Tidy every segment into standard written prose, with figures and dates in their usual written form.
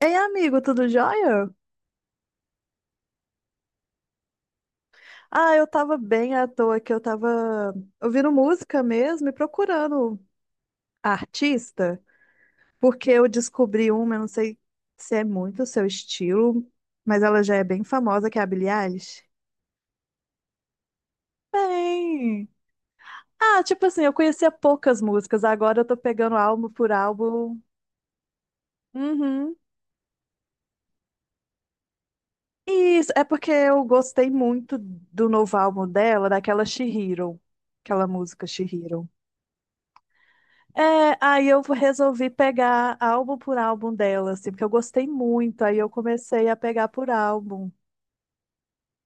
Ei, amigo, tudo jóia? Ah, eu tava bem à toa que eu tava ouvindo música mesmo e procurando artista, porque eu descobri uma, eu não sei se é muito o seu estilo, mas ela já é bem famosa, que é a Billie Eilish. Bem, tipo assim, eu conhecia poucas músicas, agora eu tô pegando álbum por álbum. Uhum. Isso, é porque eu gostei muito do novo álbum dela, daquela She Hero, aquela música She Hero. É, aí eu resolvi pegar álbum por álbum dela, assim, porque eu gostei muito. Aí eu comecei a pegar por álbum.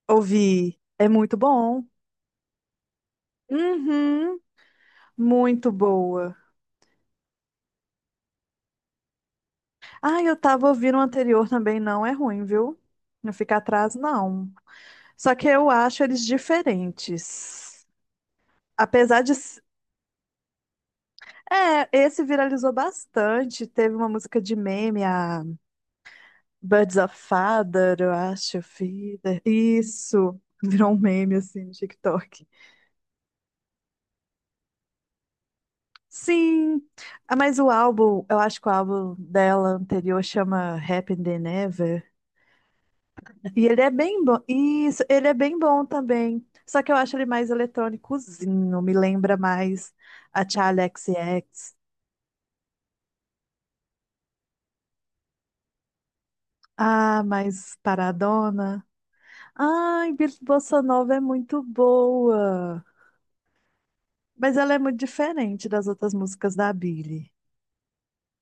Ouvi. É muito bom. Uhum, muito boa. Ah, eu tava ouvindo o anterior também, não é ruim, viu? Não fica atrás, não. Só que eu acho eles diferentes. Apesar de. É, esse viralizou bastante. Teve uma música de meme, Birds of Feather, eu acho, Feather. Isso, virou um meme assim no TikTok. Sim, ah, mas o álbum, eu acho que o álbum dela anterior chama Happy Than Ever. E ele é bem bom. Isso, ele é bem bom também. Só que eu acho ele mais eletrônicozinho, me lembra mais a Charli XCX. Ah, mais paradona. Ai, Bossa Nova é muito boa. Mas ela é muito diferente das outras músicas da Billie.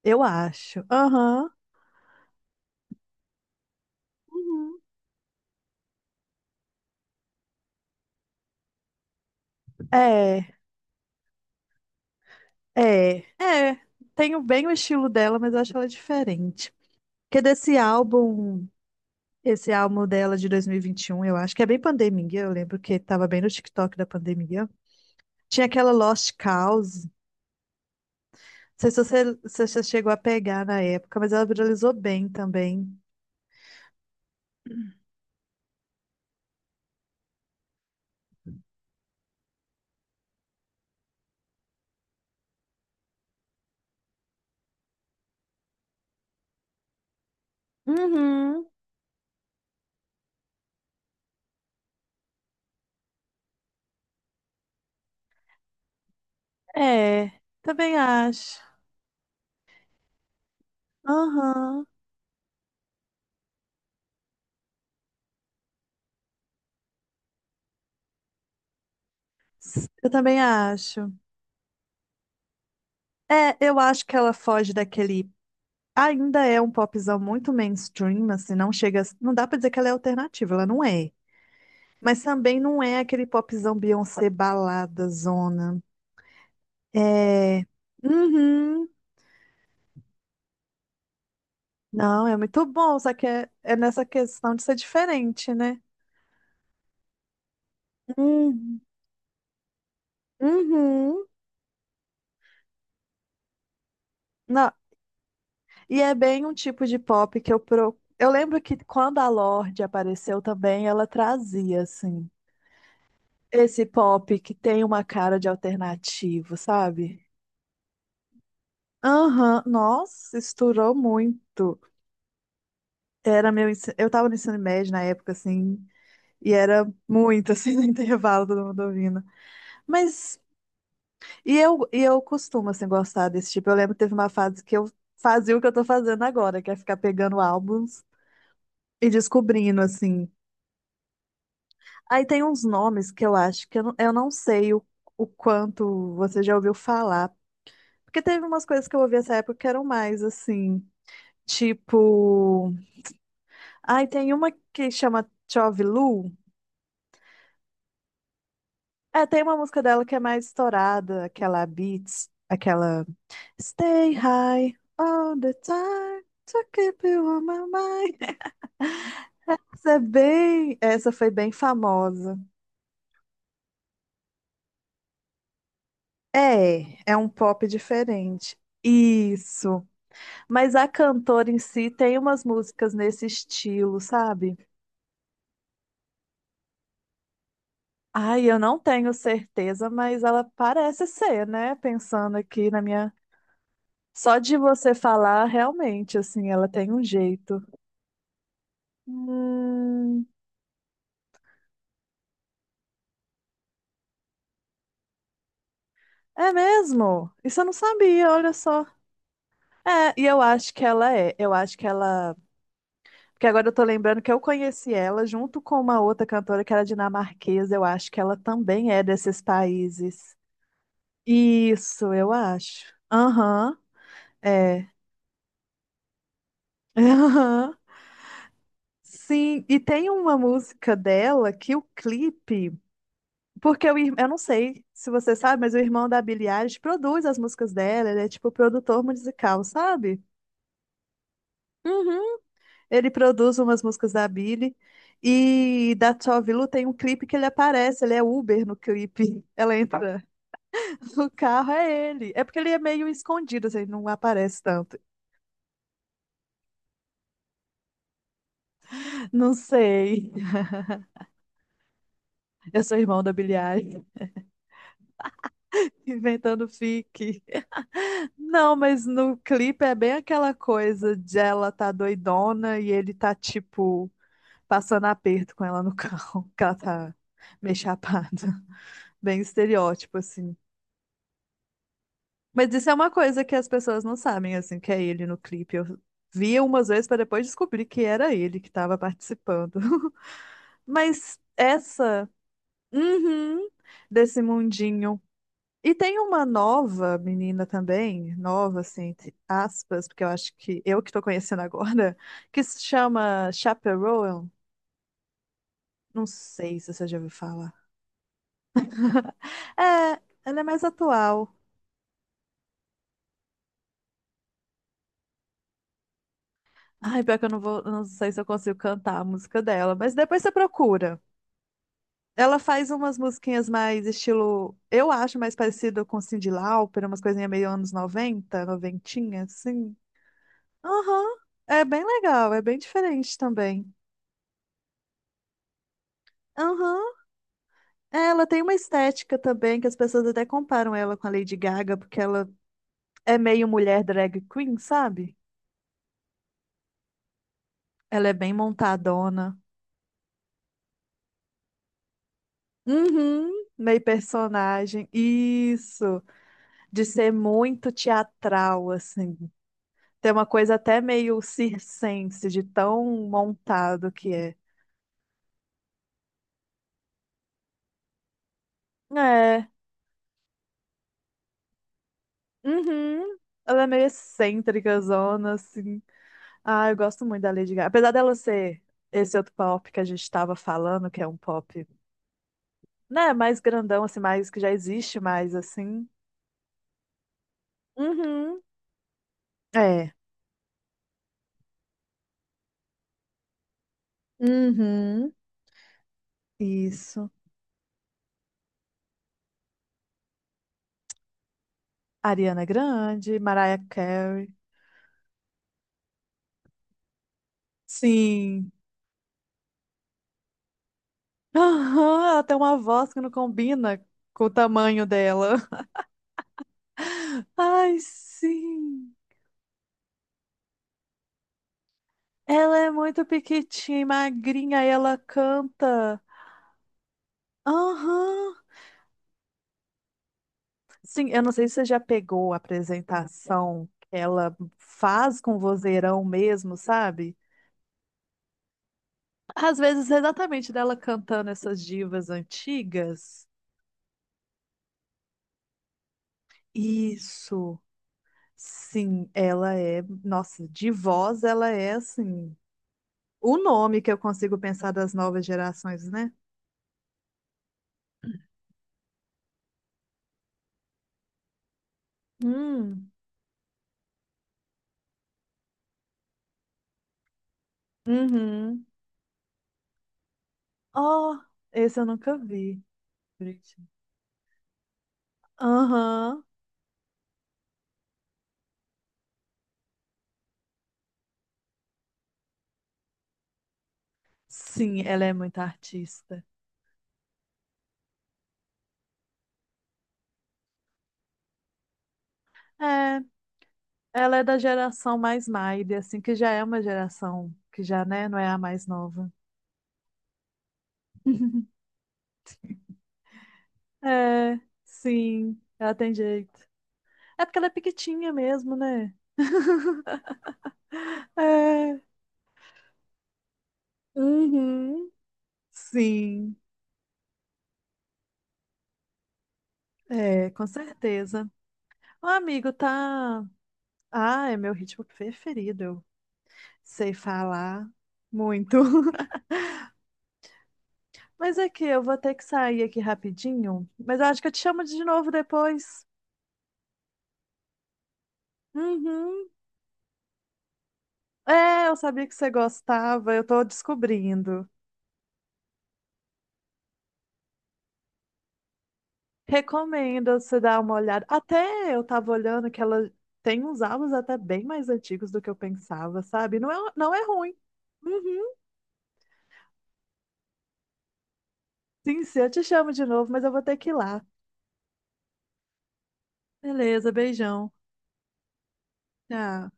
Eu acho. Aham. Uhum. É, é, é. Tenho bem o estilo dela, mas eu acho ela diferente. Porque desse álbum, esse álbum dela de dois mil e vinte e um, eu acho que é bem pandemia. Eu lembro que tava bem no TikTok da pandemia. Tinha aquela Lost Cause. Não sei se você chegou a pegar na época, mas ela viralizou bem também. Uhum. É, também acho. Aham. Eu também acho. É, eu acho que ela foge daquele. Ainda é um popzão muito mainstream, assim, não chega, a- não dá pra dizer que ela é alternativa, ela não é. Mas também não é aquele popzão Beyoncé balada zona. É, uhum. Não, é muito bom, só que é, é nessa questão de ser diferente, né? Uhum. Uhum. Não, e é bem um tipo de pop que Eu lembro que quando a Lorde apareceu também, ela trazia assim esse pop que tem uma cara de alternativo, sabe? Aham, nossa, estourou muito. Era eu tava no ensino médio na época, assim, e era muito, assim, no intervalo, todo mundo ouvindo. Mas, e eu costumo, assim, gostar desse tipo. Eu lembro que teve uma fase que eu fazia o que eu tô fazendo agora, que é ficar pegando álbuns e descobrindo, assim. Aí tem uns nomes que eu acho que eu não sei o quanto você já ouviu falar. Porque teve umas coisas que eu ouvi nessa época que eram mais, assim, tipo. Ai, tem uma que chama Chove Lu. É, tem uma música dela que é mais estourada, aquela Beats, aquela Stay High all the time to keep you on my mind. Essa é bem, essa foi bem famosa. É, é um pop diferente. Isso. Mas a cantora em si tem umas músicas nesse estilo, sabe? Ai, eu não tenho certeza, mas ela parece ser, né? Pensando aqui na minha. Só de você falar, realmente, assim, ela tem um jeito. Hum, é mesmo? Isso eu não sabia, olha só. É, e eu acho que ela é. Eu acho que ela. Porque agora eu tô lembrando que eu conheci ela junto com uma outra cantora que era dinamarquesa. Eu acho que ela também é desses países. Isso, eu acho. Aham, é. Aham. Sim, e tem uma música dela que o clipe. Porque eu não sei se você sabe, mas o irmão da Billie Eilish produz as músicas dela, ele é tipo produtor musical, sabe? Uhum. Ele produz umas músicas da Billie e da Tove Lo tem um clipe que ele aparece, ele é Uber no clipe. Ela entra no carro, é ele. É porque ele é meio escondido, assim, não aparece tanto. Não sei. Eu sou irmão da Billie Eilish. Inventando fique. Não, mas no clipe é bem aquela coisa de ela tá doidona e ele tá tipo passando aperto com ela no carro, que ela tá meio chapada. Bem estereótipo, assim. Mas isso é uma coisa que as pessoas não sabem, assim, que é ele no clipe. Eu via umas vezes para depois descobrir que era ele que estava participando. Mas essa, uhum, desse mundinho. E tem uma nova menina também, nova, assim, entre aspas, porque eu acho que eu que tô conhecendo agora, que se chama Chaperone. Não sei se você já ouviu falar. É, ela é mais atual. Ai, pior que eu não sei se eu consigo cantar a música dela, mas depois você procura. Ela faz umas musiquinhas mais estilo, eu acho mais parecido com Cyndi Lauper, umas coisinhas meio anos 90, noventinha, assim. Aham. É bem legal, é bem diferente também. Aham. É, ela tem uma estética também que as pessoas até comparam ela com a Lady Gaga, porque ela é meio mulher drag queen, sabe? Ela é bem montadona. Uhum, meio personagem. Isso, de ser muito teatral, assim. Tem uma coisa até meio circense, de tão montado que é. É, uhum. Ela é meio excêntrica, zona, assim. Ah, eu gosto muito da Lady Gaga. Apesar dela ser esse outro pop que a gente estava falando, que é um pop, né, mais grandão, assim, mais que já existe mais, assim. Uhum. É. Uhum. Isso. Ariana Grande, Mariah Carey. Sim. Aham, ela tem uma voz que não combina com o tamanho dela. Ai, sim. Ela é muito pequitinha e magrinha e ela canta. Aham. Sim, eu não sei se você já pegou a apresentação que ela faz com vozeirão mesmo, sabe? Às vezes, exatamente dela cantando essas divas antigas. Isso. Sim, ela é, nossa, de voz ela é assim, o nome que eu consigo pensar das novas gerações, né? Hum, uhum. Oh, esse eu nunca vi. Bonitinho. Aham. Sim, ela é muito artista. É, ela é da geração mais Maide, assim, que já é uma geração que já, né, não é a mais nova. É, sim, ela tem jeito. É porque ela é piquitinha mesmo, né? É, uhum. Sim. É, com certeza. O amigo tá. Ah, é meu ritmo preferido. Eu sei falar muito. Mas é que eu vou ter que sair aqui rapidinho. Mas eu acho que eu te chamo de novo depois. Uhum. É, eu sabia que você gostava. Eu tô descobrindo. Recomendo você dar uma olhada. Até eu tava olhando que ela tem uns álbuns até bem mais antigos do que eu pensava, sabe? Não é, não é ruim. Uhum. Sim, sim, eu te chamo de novo, mas eu vou ter que ir lá. Beleza, beijão. Tchau.